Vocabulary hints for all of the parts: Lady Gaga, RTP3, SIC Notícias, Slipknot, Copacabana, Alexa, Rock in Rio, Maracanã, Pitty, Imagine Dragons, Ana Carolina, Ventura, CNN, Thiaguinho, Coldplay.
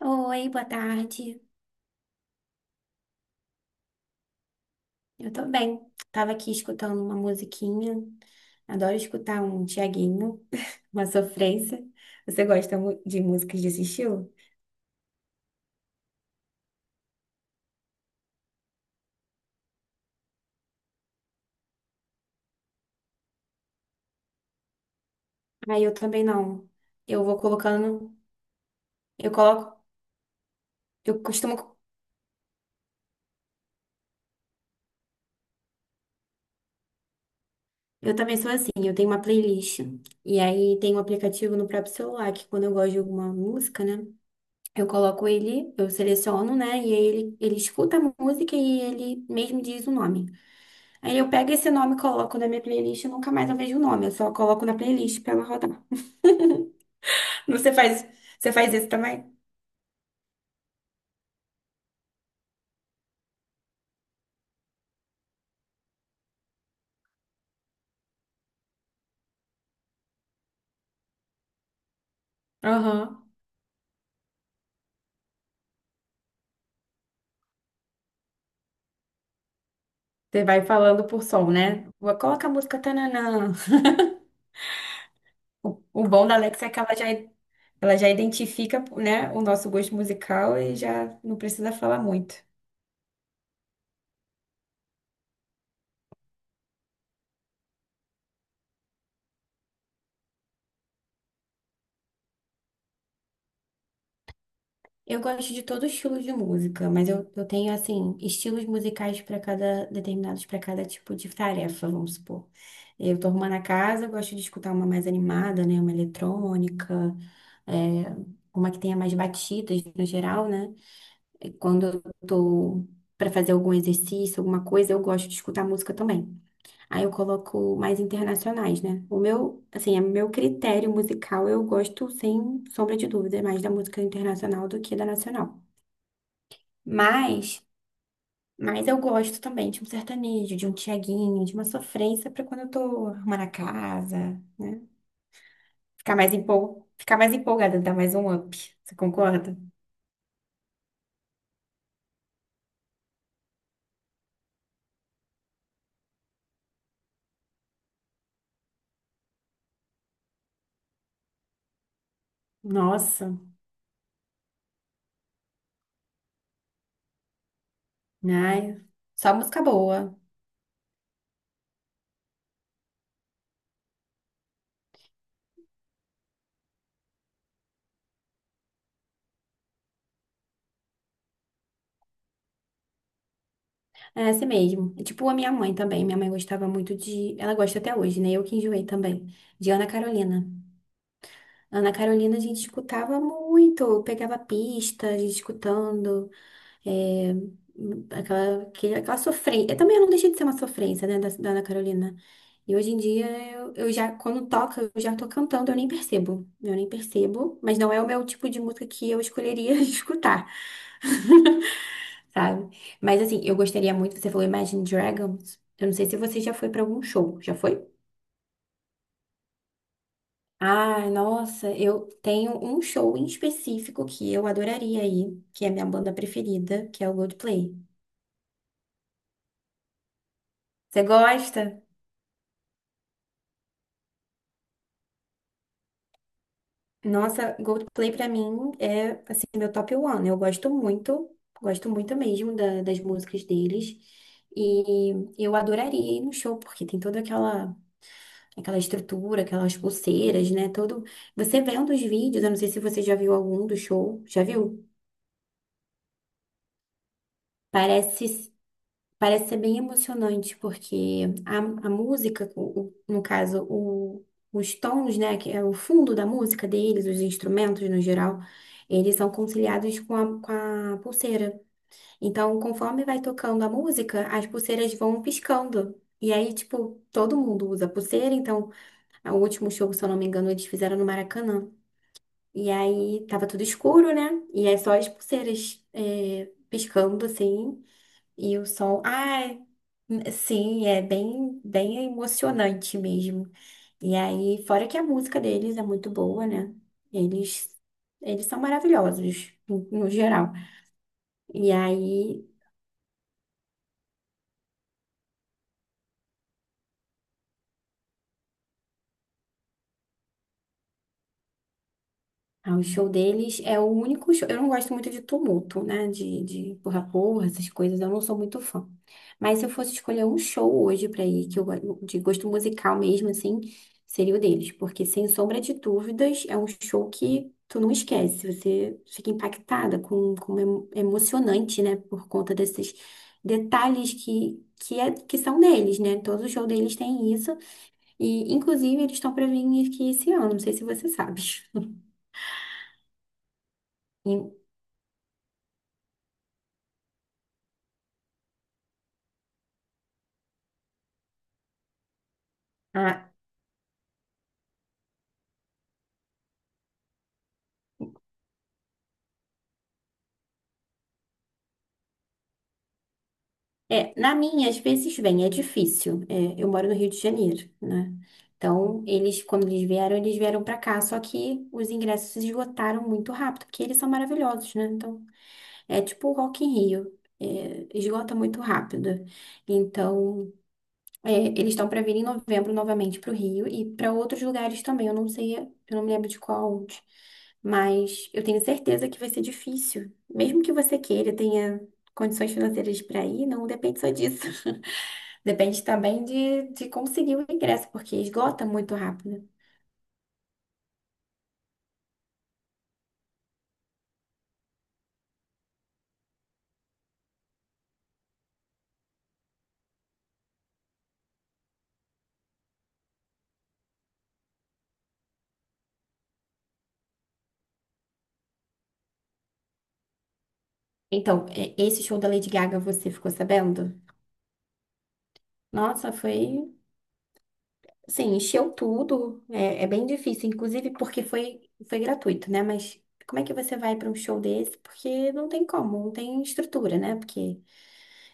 Oi, boa tarde. Eu tô bem. Tava aqui escutando uma musiquinha. Adoro escutar um Thiaguinho, uma sofrência. Você gosta de músicas desse estilo? Ah, eu também não. Eu vou colocando, eu coloco, eu costumo, eu também sou assim, eu tenho uma playlist. E aí tem um aplicativo no próprio celular que quando eu gosto de alguma música, né? Eu coloco ele, eu seleciono, né? E aí ele escuta a música e ele mesmo diz o nome. Aí eu pego esse nome, coloco na minha playlist e nunca mais eu vejo o nome. Eu só coloco na playlist pra ela rodar. Você faz, você faz isso também? Aham. Você vai falando por som, né? Vou colocar a música tananã. O bom da Alexa é que ela já identifica, né, o nosso gosto musical e já não precisa falar muito. Eu gosto de todo estilo de música, mas eu tenho, assim, estilos musicais para cada, determinados para cada tipo de tarefa, vamos supor. Eu tô arrumando a casa, eu gosto de escutar uma mais animada, né? Uma eletrônica, é, uma que tenha mais batidas no geral, né? E quando eu tô para fazer algum exercício, alguma coisa, eu gosto de escutar música também. Aí eu coloco mais internacionais, né? O meu, assim, é meu critério musical, eu gosto, sem sombra de dúvida, mais da música internacional do que da nacional. Mas, mas eu gosto também de um sertanejo, de um Tiaguinho, de uma sofrência para quando eu tô arrumando a casa, né? Ficar mais Ficar mais empolgada, dar mais um up. Você concorda? Nossa, ai, só música boa. É assim mesmo. E, tipo a minha mãe também. Minha mãe gostava muito de. Ela gosta até hoje, né? Eu que enjoei também. De Ana Carolina. Ana Carolina a gente escutava muito. Eu pegava pista, a gente escutando. É, aquela sofrência. Também não deixei de ser uma sofrência, né, da Ana Carolina. E hoje em dia, eu já, quando toca, eu já tô cantando, eu nem percebo. Eu nem percebo, mas não é o meu tipo de música que eu escolheria escutar, sabe? Mas assim, eu gostaria muito, você falou Imagine Dragons. Eu não sei se você já foi pra algum show. Já foi? Ah, nossa, eu tenho um show em específico que eu adoraria ir, que é a minha banda preferida, que é o Coldplay. Você gosta? Nossa, Coldplay pra mim é assim meu top one. Eu gosto muito mesmo das músicas deles. E eu adoraria ir no show, porque tem toda aquela estrutura, aquelas pulseiras, né? Todo. Você vendo os vídeos, eu não sei se você já viu algum do show. Já viu? Parece Parece ser bem emocionante, porque a música, no caso, os tons, né, que é o fundo da música deles, os instrumentos no geral, eles são conciliados com a pulseira. Então, conforme vai tocando a música, as pulseiras vão piscando. E aí, tipo, todo mundo usa pulseira. Então, o último show, se eu não me engano, eles fizeram no Maracanã. E aí, tava tudo escuro, né? E é só as pulseiras, é, piscando, assim. E o som, ai, sim, é bem, bem emocionante mesmo. E aí, fora que a música deles é muito boa, né? Eles, eles são maravilhosos, no geral. E aí, ah, o show deles é o único show. Eu não gosto muito de tumulto, né? De porra-porra, essas coisas. Eu não sou muito fã. Mas se eu fosse escolher um show hoje pra ir, que eu de gosto musical mesmo, assim, seria o deles. Porque, sem sombra de dúvidas, é um show que tu não esquece. Você fica impactada, com emocionante, né? Por conta desses detalhes que são deles, né? Todo show deles tem isso. E, inclusive, eles estão pra vir aqui esse ano. Não sei se você sabe. E- ah, é, na minha, às vezes vem, é difícil. É, eu moro no Rio de Janeiro, né? Então, quando eles vieram pra cá, só que os ingressos se esgotaram muito rápido, porque eles são maravilhosos, né? Então, é tipo o Rock in Rio, é, esgota muito rápido. Então, é, eles estão para vir em novembro novamente para o Rio e para outros lugares também. Eu não sei, eu não me lembro de qual onde. Mas eu tenho certeza que vai ser difícil. Mesmo que você queira, tenha condições financeiras para ir, não depende só disso. Depende também de conseguir o ingresso, porque esgota muito rápido. Então, é, esse show da Lady Gaga, você ficou sabendo? Nossa, foi. Sim, encheu tudo. É, é bem difícil, inclusive porque foi gratuito, né? Mas como é que você vai para um show desse? Porque não tem como, não tem estrutura, né? Porque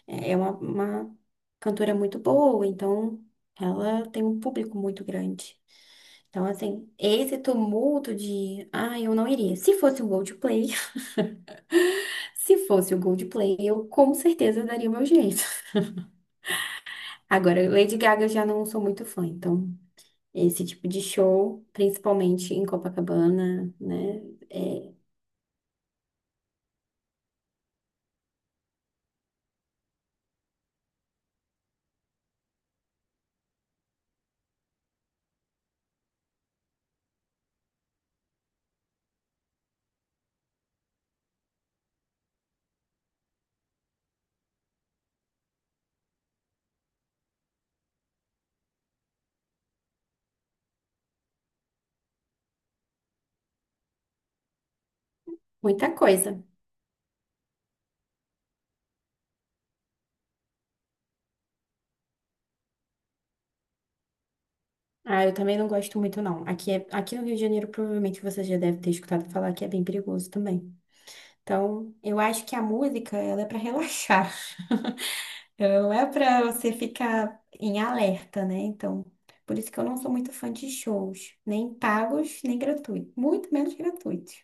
uma cantora muito boa, então ela tem um público muito grande. Então, assim, esse tumulto de, ah, eu não iria. Se fosse o Coldplay, se fosse o Coldplay, eu com certeza daria o meu jeito. Agora, Lady Gaga eu já não sou muito fã, então. Esse tipo de show, principalmente em Copacabana, né? É muita coisa. Ah, eu também não gosto muito, não. Aqui, aqui no Rio de Janeiro, provavelmente você já deve ter escutado falar que é bem perigoso também. Então, eu acho que a música, ela é para relaxar. Ela não é para você ficar em alerta, né? Então, por isso que eu não sou muito fã de shows, nem pagos, nem gratuitos, muito menos gratuitos.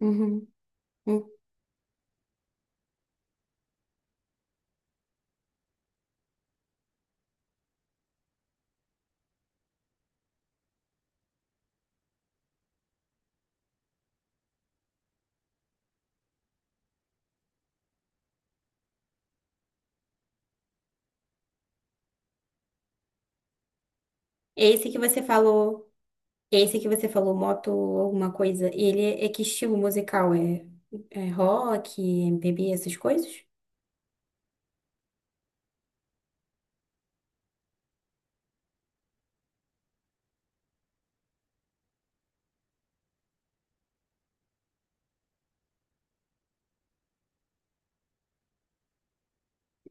Uhum. Esse que você falou. Esse que você falou, moto alguma coisa, ele é, é que estilo musical? É, é rock, MPB, essas coisas?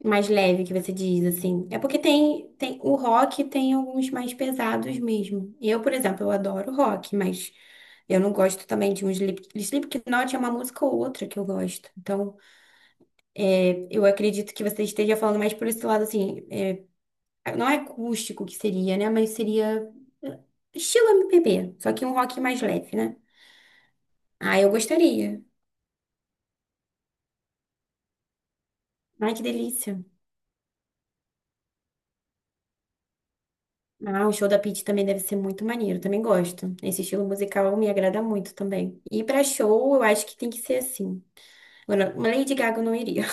Mais leve que você diz, assim. É porque tem o rock tem alguns mais pesados mesmo. Eu, por exemplo, eu adoro rock, mas eu não gosto também de um Slipknot é uma música ou outra que eu gosto. Então, é, eu acredito que você esteja falando mais por esse lado, assim, é, não é acústico que seria, né? Mas seria eh, estilo MPB, só que um rock mais leve, né? Ah, eu gostaria. Ai, que delícia. Ah, o show da Pitty também deve ser muito maneiro, também gosto. Esse estilo musical me agrada muito também. E pra show, eu acho que tem que ser assim. Agora, uma Lady Gaga eu não iria,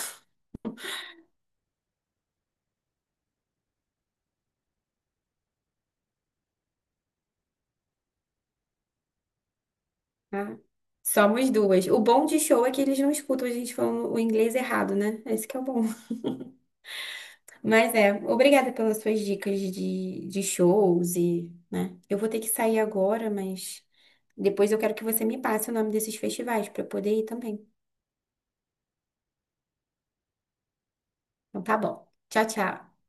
tá? Somos duas. O bom de show é que eles não escutam a gente falando o inglês errado, né? Esse que é o bom. Mas é, obrigada pelas suas dicas de shows e, né? Eu vou ter que sair agora, mas depois eu quero que você me passe o nome desses festivais pra eu poder ir também. Então tá bom. Tchau, tchau.